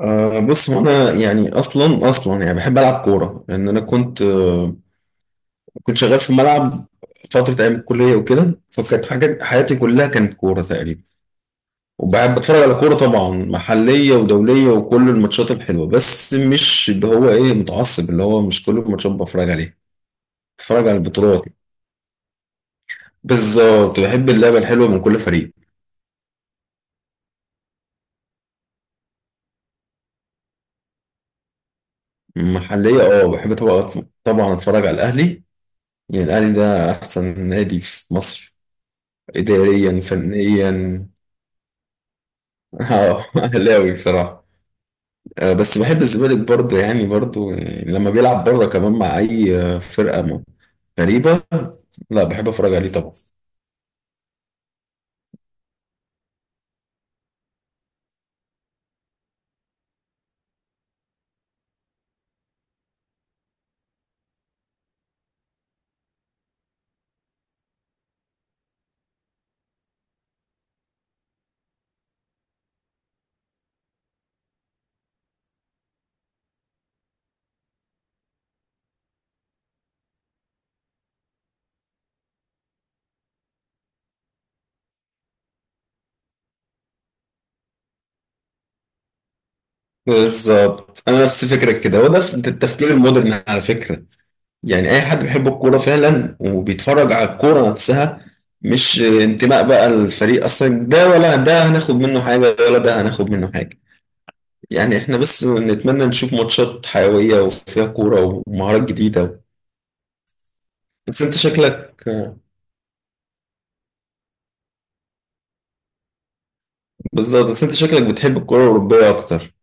أه بص، هو انا يعني اصلا يعني بحب العب كوره لان انا كنت كنت شغال في ملعب فتره ايام الكليه وكده، فكانت حاجه حياتي كلها كانت كوره تقريبا. وبحب اتفرج على كوره طبعا، محليه ودوليه وكل الماتشات الحلوه، بس مش اللي هو ايه، متعصب اللي هو مش كل الماتشات بتفرج عليها. بتفرج على البطولات. بالظبط، بحب اللعبه الحلوه من كل فريق. محليه اه بحب طبعا، طبعا اتفرج على الاهلي، يعني الاهلي ده احسن نادي في مصر، اداريا فنيا. اه اهلاوي بصراحة. بس بحب الزمالك برضه، يعني برضه يعني لما بيلعب بره كمان مع أي غريبة لا بحب أتفرج عليه طبعا. بالظبط أنا نفس فكرك كده، وده التفكير المودرن على فكرة. يعني أي حد بيحب الكورة فعلا وبيتفرج على الكورة نفسها، مش انتماء بقى الفريق أصلا، ده ولا ده هناخد منه حاجة ولا ده هناخد منه حاجة. يعني احنا بس نتمنى نشوف ماتشات حيوية وفيها كورة ومهارات جديدة. بس انت شكلك، بالظبط بس انت شكلك بتحب الكرة الأوروبية أكتر.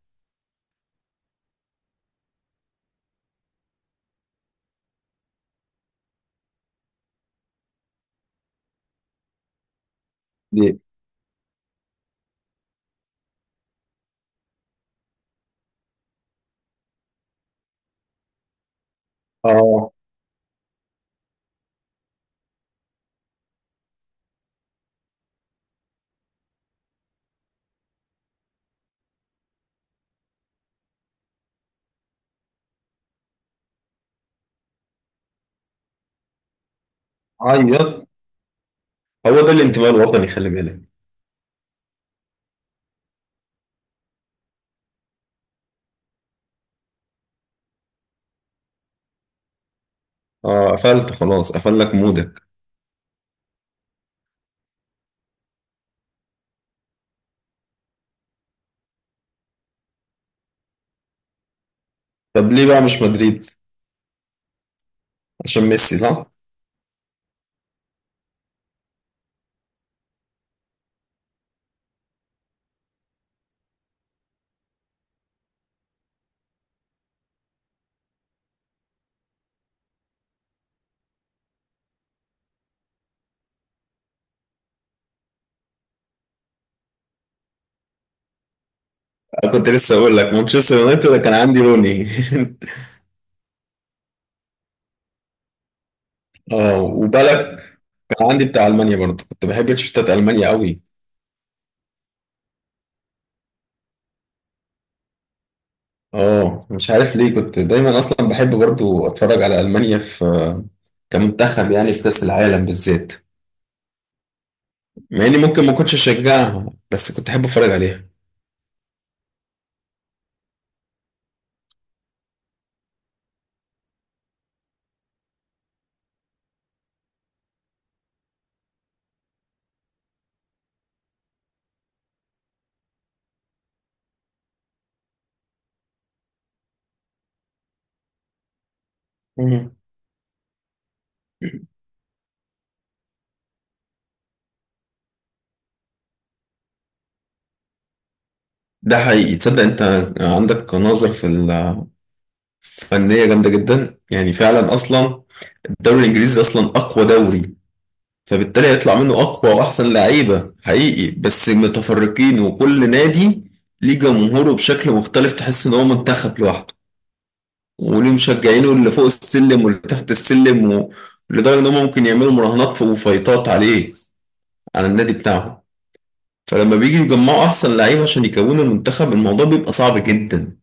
دي اه عيط. هو ده الانتماء الوطني، خلي بالك. اه قفلت خلاص، قفل لك مودك. طب ليه بقى مش مدريد؟ عشان ميسي صح؟ أنا كنت لسه أقول لك مانشستر يونايتد، أنا كان عندي روني اه وبالك كان عندي بتاع ألمانيا برضه، كنت بحب تيشيرتات ألمانيا قوي. اه مش عارف ليه، كنت دايما أصلا بحب برضه أتفرج على ألمانيا في كمنتخب، يعني في كأس العالم بالذات. مع إني ممكن ما كنتش أشجعها، بس كنت أحب أتفرج عليها. مم. ده حقيقي تصدق انت، عندك نظر في الفنية جامدة جدا يعني فعلا. اصلا الدوري الانجليزي اصلا اقوى دوري، فبالتالي هيطلع منه اقوى واحسن لعيبة حقيقي. بس متفرقين وكل نادي ليه جمهوره بشكل مختلف، تحس ان هو منتخب لوحده وليه مشجعينه اللي فوق السلم واللي تحت السلم و- لدرجة ان هم ممكن يعملوا مراهنات وفايتات عليه، على النادي بتاعهم. فلما بيجي يجمعوا احسن لعيبة عشان يكونوا المنتخب، الموضوع بيبقى صعب جدا،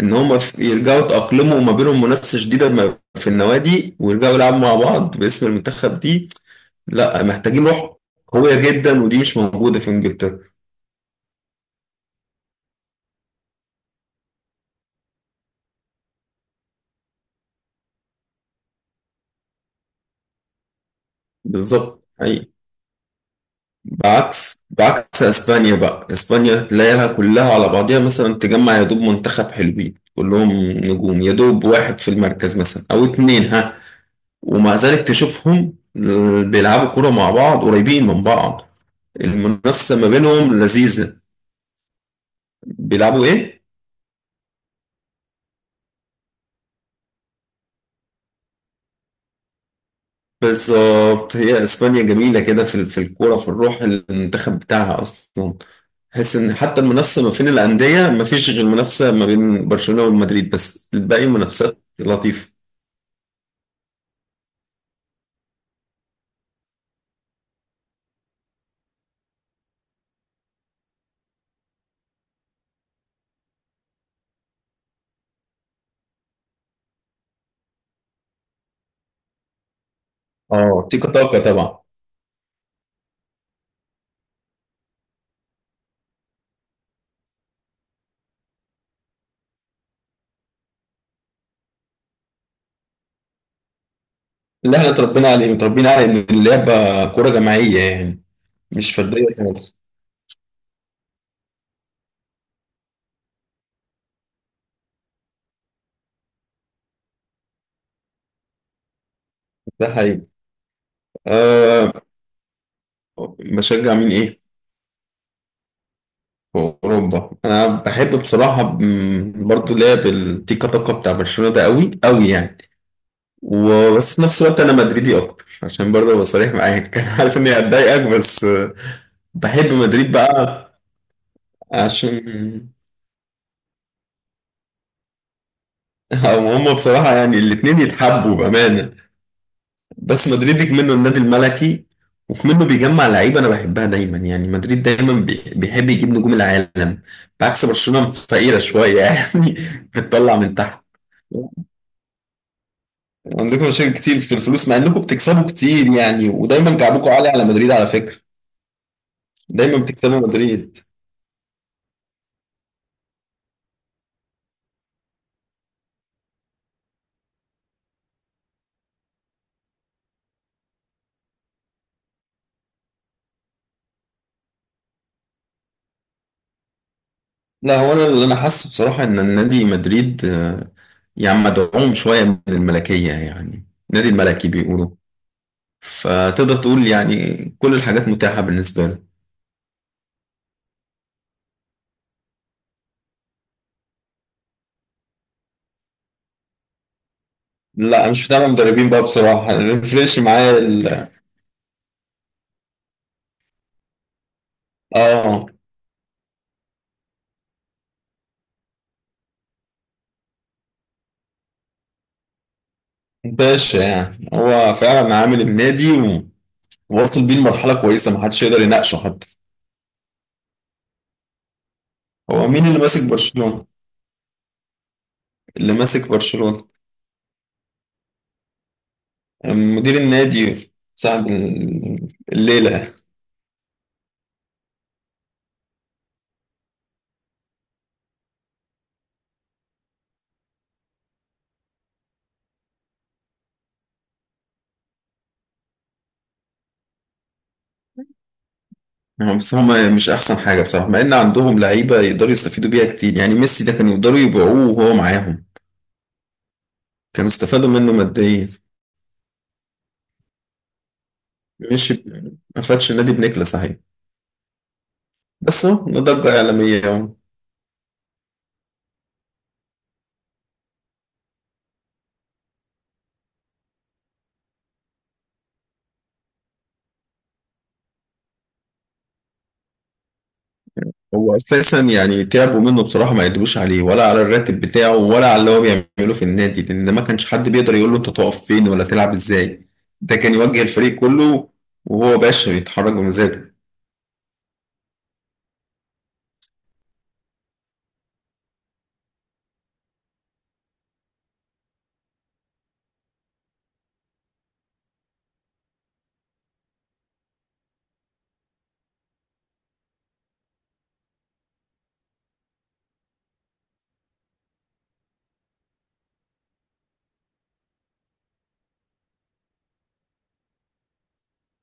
ان هما في- يرجعوا يتأقلموا، وما بينهم منافسة شديدة ما- في النوادي، ويرجعوا يلعبوا مع بعض باسم المنتخب دي، لا محتاجين روح قوية جدا، ودي مش موجودة في انجلترا. بالظبط حقيقي. بعكس اسبانيا بقى، اسبانيا تلاقيها كلها على بعضيها، مثلا تجمع يا دوب منتخب حلوين كلهم نجوم، يا دوب واحد في المركز مثلا او اتنين ها. ومع ذلك تشوفهم بيلعبوا كرة مع بعض قريبين من بعض. المنافسة ما بينهم لذيذة. بيلعبوا ايه؟ بالظبط، هي اسبانيا جميله كده في الكوره في الروح المنتخب بتاعها اصلا. حس ان حتى المنافسه ما بين الانديه ما فيش غير منافسه ما بين برشلونه ومدريد، بس الباقي منافسات لطيفه. اه تيكا تاكا طبعا. اللي احنا اتربينا عليه، متربيين على ان اللعبه كوره جماعيه يعني، مش فرديه خالص. ده حقيقي. أه بشجع مين ايه، في اوروبا. انا بحب بصراحه برضو لعب التيكا تاكا بتاع برشلونه ده قوي قوي يعني. وبس في نفس الوقت انا مدريدي اكتر، عشان برضه ابقى صريح معاك انا عارف اني هتضايقك بس بحب مدريد بقى، عشان هم بصراحة يعني الاتنين يتحبوا بأمانة. بس مدريد كمنه النادي الملكي، وكمنه بيجمع لعيبة أنا بحبها دايما، يعني مدريد دايما بيحب يجيب نجوم العالم، بعكس برشلونة فقيرة شوية يعني، بتطلع من تحت. عندكم مشاكل كتير في الفلوس، مع انكم بتكسبوا كتير يعني، ودايما كعبكم عالي على مدريد على فكرة، دايما بتكسبوا مدريد. لا، هو انا اللي انا حاسه بصراحه ان النادي مدريد يعني مدعوم شويه من الملكيه يعني، نادي الملكي بيقولوا، فتقدر تقول يعني كل الحاجات متاحه بالنسبه له. لا مش بتاع مدربين بقى بصراحه، ريفريش معايا ال- اه، باشا يعني هو فعلا عامل النادي و- ووصل بيه لمرحله كويسه ما حدش يقدر يناقشه حتى. هو مين اللي ماسك برشلونه؟ اللي ماسك برشلونه، مدير النادي صاحب الليله يعني. هم- بس هم مش احسن حاجه بصراحه، مع ان عندهم لعيبه يقدروا يستفيدوا بيها كتير، يعني ميسي ده كانوا يقدروا يبيعوه وهو معاهم، كانوا استفادوا منه ماديا. مش ما فادش النادي بنكله صحيح، بس هو ده ضجه اعلاميه اهو. هو اساسا يعني تعبوا منه بصراحه، ما قدروش عليه ولا على الراتب بتاعه ولا على اللي هو بيعمله في النادي، لان ما كانش حد بيقدر يقول له انت تقف فين ولا تلعب ازاي، ده كان يوجه الفريق كله، وهو باشا بيتحرك بمزاجه.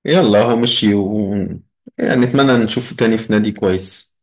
يلا هو مشي و... يعني نتمنى نشوفه تاني في نادي كويس